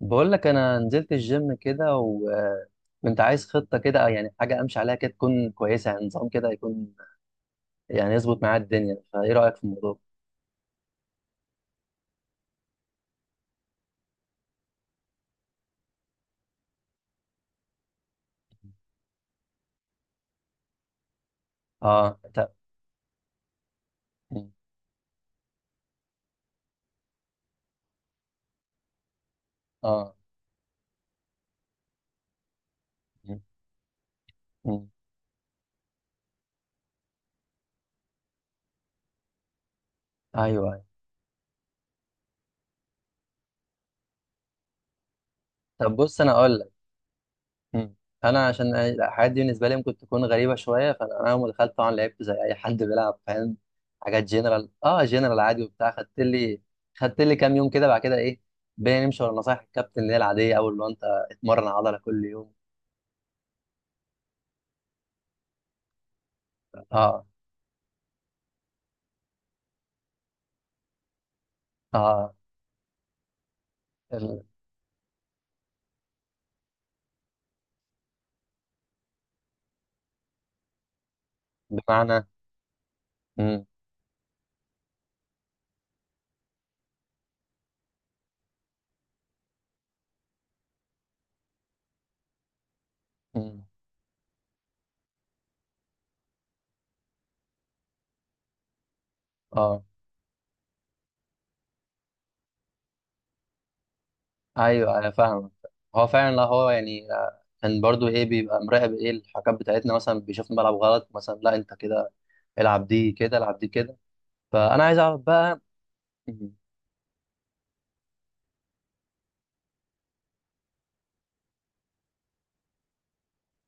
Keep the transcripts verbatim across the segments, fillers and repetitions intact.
بقول لك انا نزلت الجيم كده وكنت عايز خطه كده، يعني حاجه امشي عليها كده تكون كويسه، يعني نظام كده يكون، يعني يظبط معايا الدنيا. فايه رايك في الموضوع؟ اه، طب. مم. اه. مم. مم. ايوه، أيوة. طب بص انا اقول لك. مم. انا عشان الحاجات دي بالنسبه لي ممكن تكون غريبه شويه، فانا اول ما دخلت طبعا لعبت زي اي حد بيلعب، فاهم. حاجات جنرال، اه جنرال عادي وبتاع. خدت لي خدت لي كام يوم كده، بعد كده ايه بقينا نمشي ورا نصايح الكابتن، اللي هي العاديه اول ما انت اتمرن عضله كل يوم. اه. اه. ال- بمعنى. مم. مم. اه. ايوه انا فاهم. هو فعلا، لا هو يعني آه، كان برضو ايه بيبقى مراقب، ايه الحكام بتاعتنا مثلا بيشوفني بلعب غلط مثلا، لا انت كده العب دي كده، العب دي كده. فانا عايز اعرف بقى. مم.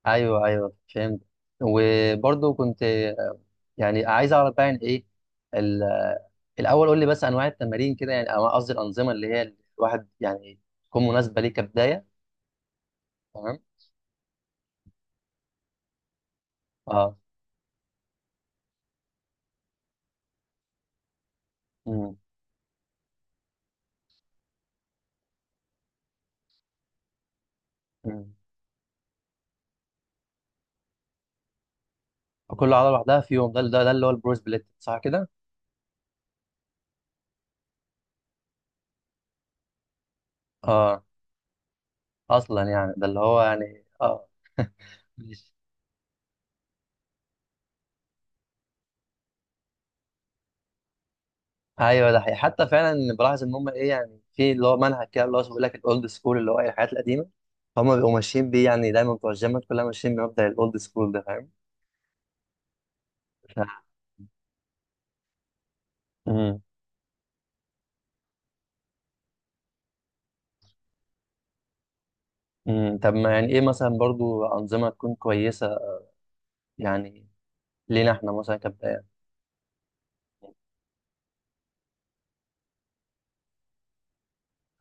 ايوه ايوه فهمت. وبرضو كنت آه، يعني عايز اعرف بقى يعني ايه ال- الاول قول لي بس انواع التمارين كده، يعني أو قصدي الانظمه، اللي هي الواحد يعني تكون مناسبه ليه كبدايه. تمام. اه. مم. مم. كل عضله لوحدها في يوم، ده ده, ده اللي هو البرو سبليت صح كده. اه اصلا يعني ده اللي هو يعني اه. ماشي. ايوه ده حقيقي، حتى فعلا بلاحظ ان هم ايه، يعني في اللي هو منهج كده اللي هو بيقول لك الاولد سكول، اللي هو ايه الحاجات القديمه هم بيبقوا ماشيين بيه، يعني دايما بتوع الجيمات كلها ماشيين بمبدأ الاولد سكول ده، فاهم. ف... مم. مم. طب ما يعني ايه مثلا برضو انظمه تكون كويسه يعني لينا احنا مثلا كبدايه.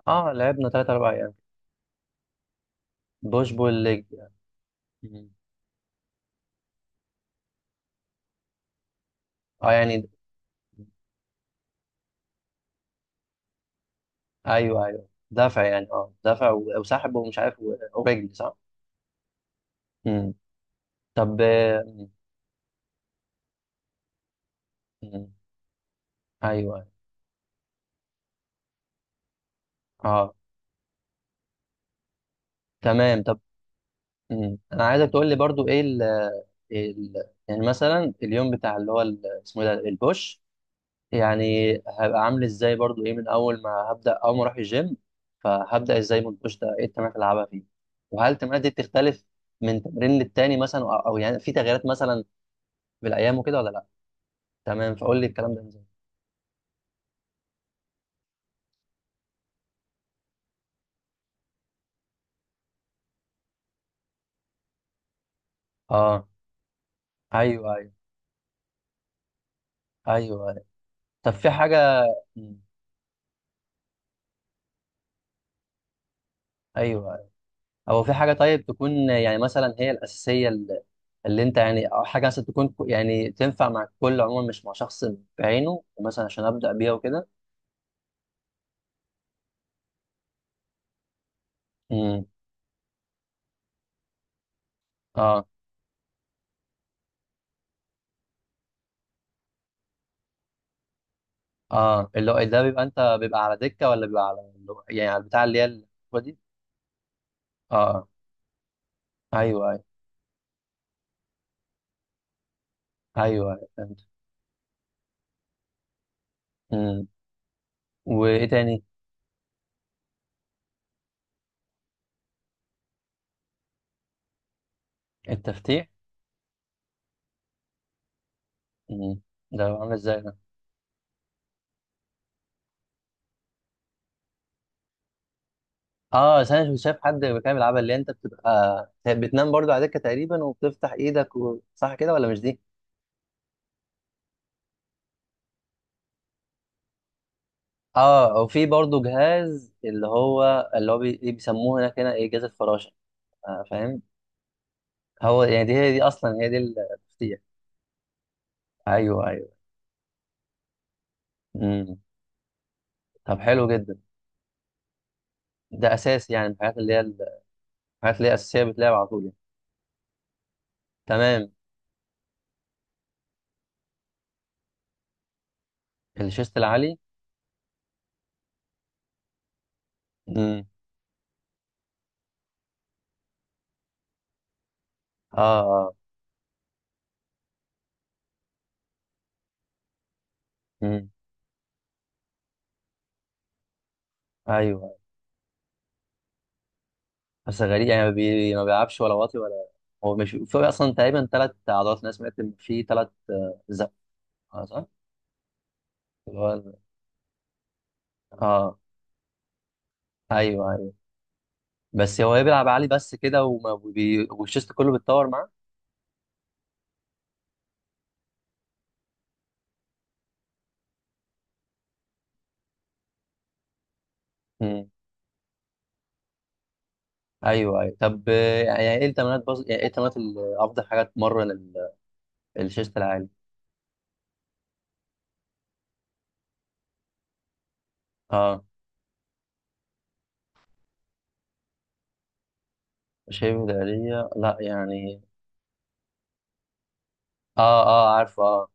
اه لعبنا ثلاث اربع ايام. بوش بول ليج. مم. اه يعني. ايوه ايوه دافع يعني، اه دافع و- وسحب ومش عارف و- ورجل، صح؟ امم. طب آه، مم. مم. ايوه. اه. تمام طب. مم. انا عايزك تقول لي برضو ايه ال. ال يعني مثلا اليوم بتاع اللي هو ال- اسمه إيه ده، البوش يعني هبقى عامل ازاي برضو ايه، من اول ما هبدا، اول ما اروح الجيم فهبدا ازاي من البوش ده، ايه التمارين اللي هلعبها فيه؟ وهل التمارين دي بتختلف من تمرين للتاني مثلا، او أو يعني في تغييرات مثلا بالايام وكده ولا لا؟ تمام فقول لي الكلام ده ازاي. اه. ايوه ايوه. ايوه، أيوة. طب في حاجه. مم. ايوه، أيوة. او في حاجه طيب تكون يعني مثلا هي الاساسيه اللي، اللي انت يعني، او حاجه مثلا تكون كو- يعني تنفع مع الكل عموما مش مع شخص بعينه مثلا، عشان ابدا بيها وكده. امم. اه اه اللي هو ده بيبقى انت بيبقى على دكه، ولا بيبقى على اللي هو- يعني على البتاع اللي هي ال- هو دي. اه. ايوه ايوه. ايوه، أيوة، فهمت. امم. وايه تاني؟ التفتيح. امم. ده عامل ازاي؟ اه بس انا كنت شايف حد كان بيلعبها، اللي انت بتبقى بتنام برضو على دكه تقريبا وبتفتح ايدك و... صح كده ولا مش دي؟ اه وفي برضو جهاز اللي هو، اللي هو بي... إيه بيسموه هناك، هنا ايه، جهاز الفراشه، آه فاهم؟ هو يعني دي هي، دي اصلا هي دي التفتيح. ايوه ايوه. امم. طب حلو جدا. ده اساسي يعني، من الحاجات اللي هي ال- الحاجات اللي هي اساسيه بتلعب على طول يعني. تمام. الشيست العالي. امم. اه اه. امم. ايوه. بس غريب يعني، ما، بي... ما بيلعبش ولا واطي ولا؟ هو مش في اصلا تقريبا ثلاث عضلات؟ انا سمعت ان في ثلاث. زق. اه صح. اللي هو ال- اه. ايوه ايوه. بس هو إيه، بيلعب عالي بس كده، وما بي... والشيست كله بيتطور معاه؟ مم. ايوه ايوه. طب آه، يعني ايه التمرينات، بص... يعني ايه التمرينات ال- افضل حاجه تمرن ال. الشيست العالي. اه، شايف دارية لا يعني. اه اه عارفه اه.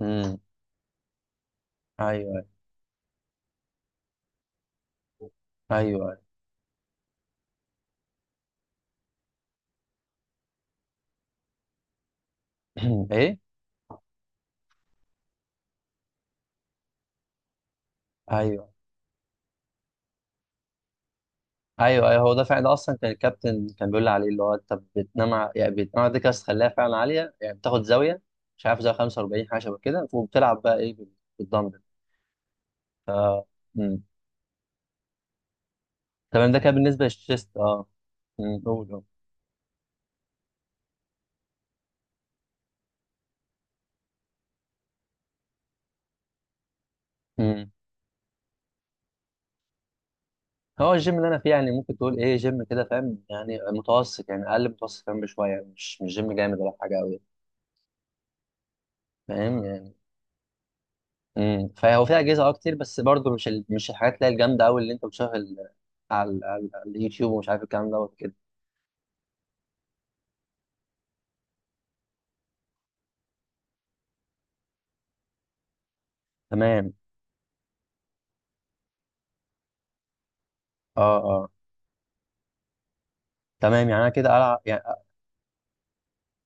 امم. ايوه. ايوه ايوه. ايه. ايوه ايوه. ايوه هو ده فعلا، ده اصلا كان الكابتن كان بيقول لي عليه، اللي هو انت بتنام ع- يعني بتنام على دكه بس تخليها فعلا عاليه يعني، بتاخد زاويه مش عارف، زاويه خمسة وأربعين حاجه شبه كده، وبتلعب بقى ايه بال- بالدمبل. ف. مم. تمام ده كان بالنسبه للشيست اه. مم. قول قول. مم. هو الجيم اللي انا فيه، يعني ممكن تقول ايه، جيم كده فاهم يعني متوسط، يعني اقل متوسط كمان بشويه يعني، مش مش جيم جامد ولا حاجه قوي، فاهم يعني. امم فهو فيه اجهزه اه كتير، بس برضه مش ال، مش الحاجات اللي هي الجامده قوي اللي انت بتشوفها ال- على ال- على ال- على اليوتيوب ومش عارف الكلام دوت. تمام. اه اه. تمام يعني انا كده العب يعني آه،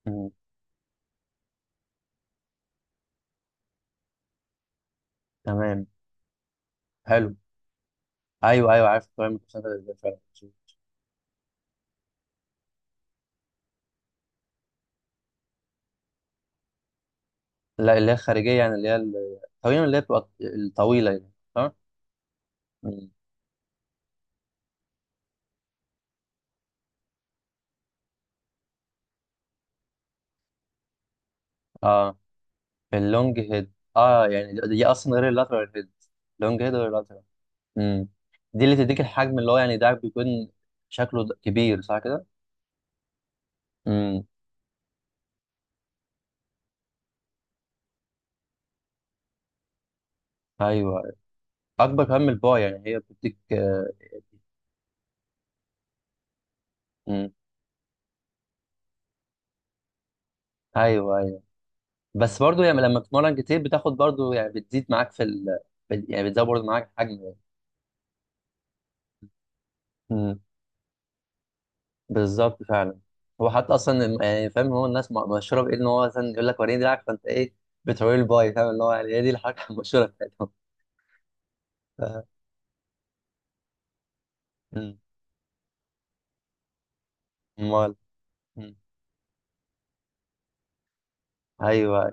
مم. تمام. حلو. ايوه ايوه عارف الطريقه المتسابقه ازاي فعلا. لا اللي هي الخارجيه يعني، اللي هي ال- تقريبا اللي هي بتبقى الطويله يعني، صح؟ مم. اه اللونج هيد اه، يعني دي اصلا غير اللاترال هيد؟ لونج هيد غير اللاترال. امم. دي اللي تديك الحجم، اللي هو يعني ده بيكون شكله د- كبير صح كده؟ امم. ايوه اكبر كمان من الباي يعني، هي بتديك آه، مم. ايوه ايوه. بس برضو يعني لما بتتمرن كتير بتاخد برضو يعني بتزيد معاك في ال. بت- يعني بتزود برضو معاك حجم يعني. امم. بالظبط فعلا. هو حتى اصلا الم- يعني فاهم هو الناس م- مشهوره بايه، ان هو مثلا يقول لك وريني دراعك، فانت ايه بتوري الباي فاهم، اللي هو يعني هي دي الحركه المشهوره بتاعتهم. ف- امم. امال. امم. ايوه.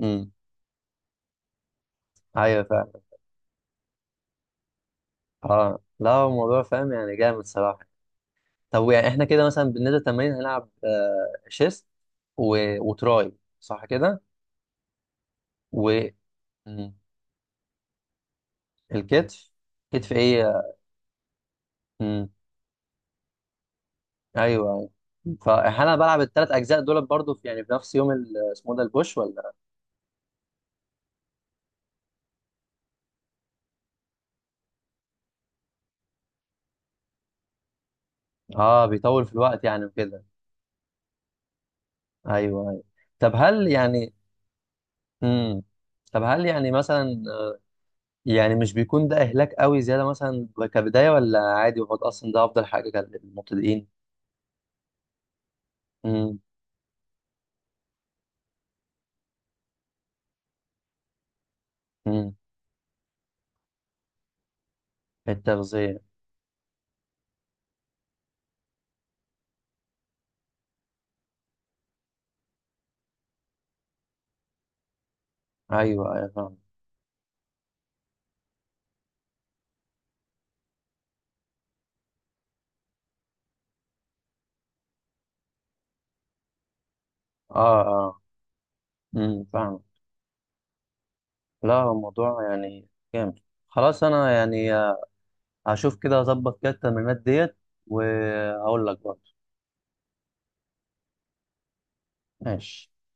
امم. ايوه فعلا. اه لا هو الموضوع فاهم يعني، جامد صراحه. طب يعني احنا كده مثلا بالنسبه للتمارين هنلعب آه شيست و. وتراي صح كده و. مم. الكتف. كتف ايه. امم. ايوه، أيوة. فانا بلعب الثلاث اجزاء دول برضو في يعني في نفس يوم ال- اسمه إيه ده، البوش ولا؟ اه بيطول في الوقت يعني وكده. ايوه ايوه. طب هل يعني. امم. طب هل يعني مثلا، يعني مش بيكون ده اهلاك قوي زياده مثلا كبدايه، ولا عادي هو ده اصلا ده افضل حاجه للمبتدئين؟ امم. امم. التغذيه. ايوه ايوه فاهم. اه اه. امم فاهم. لا هو الموضوع يعني جامد. خلاص انا يعني هشوف كده، هظبط كده التمرينات ديت وهقول لك برضه. ماشي.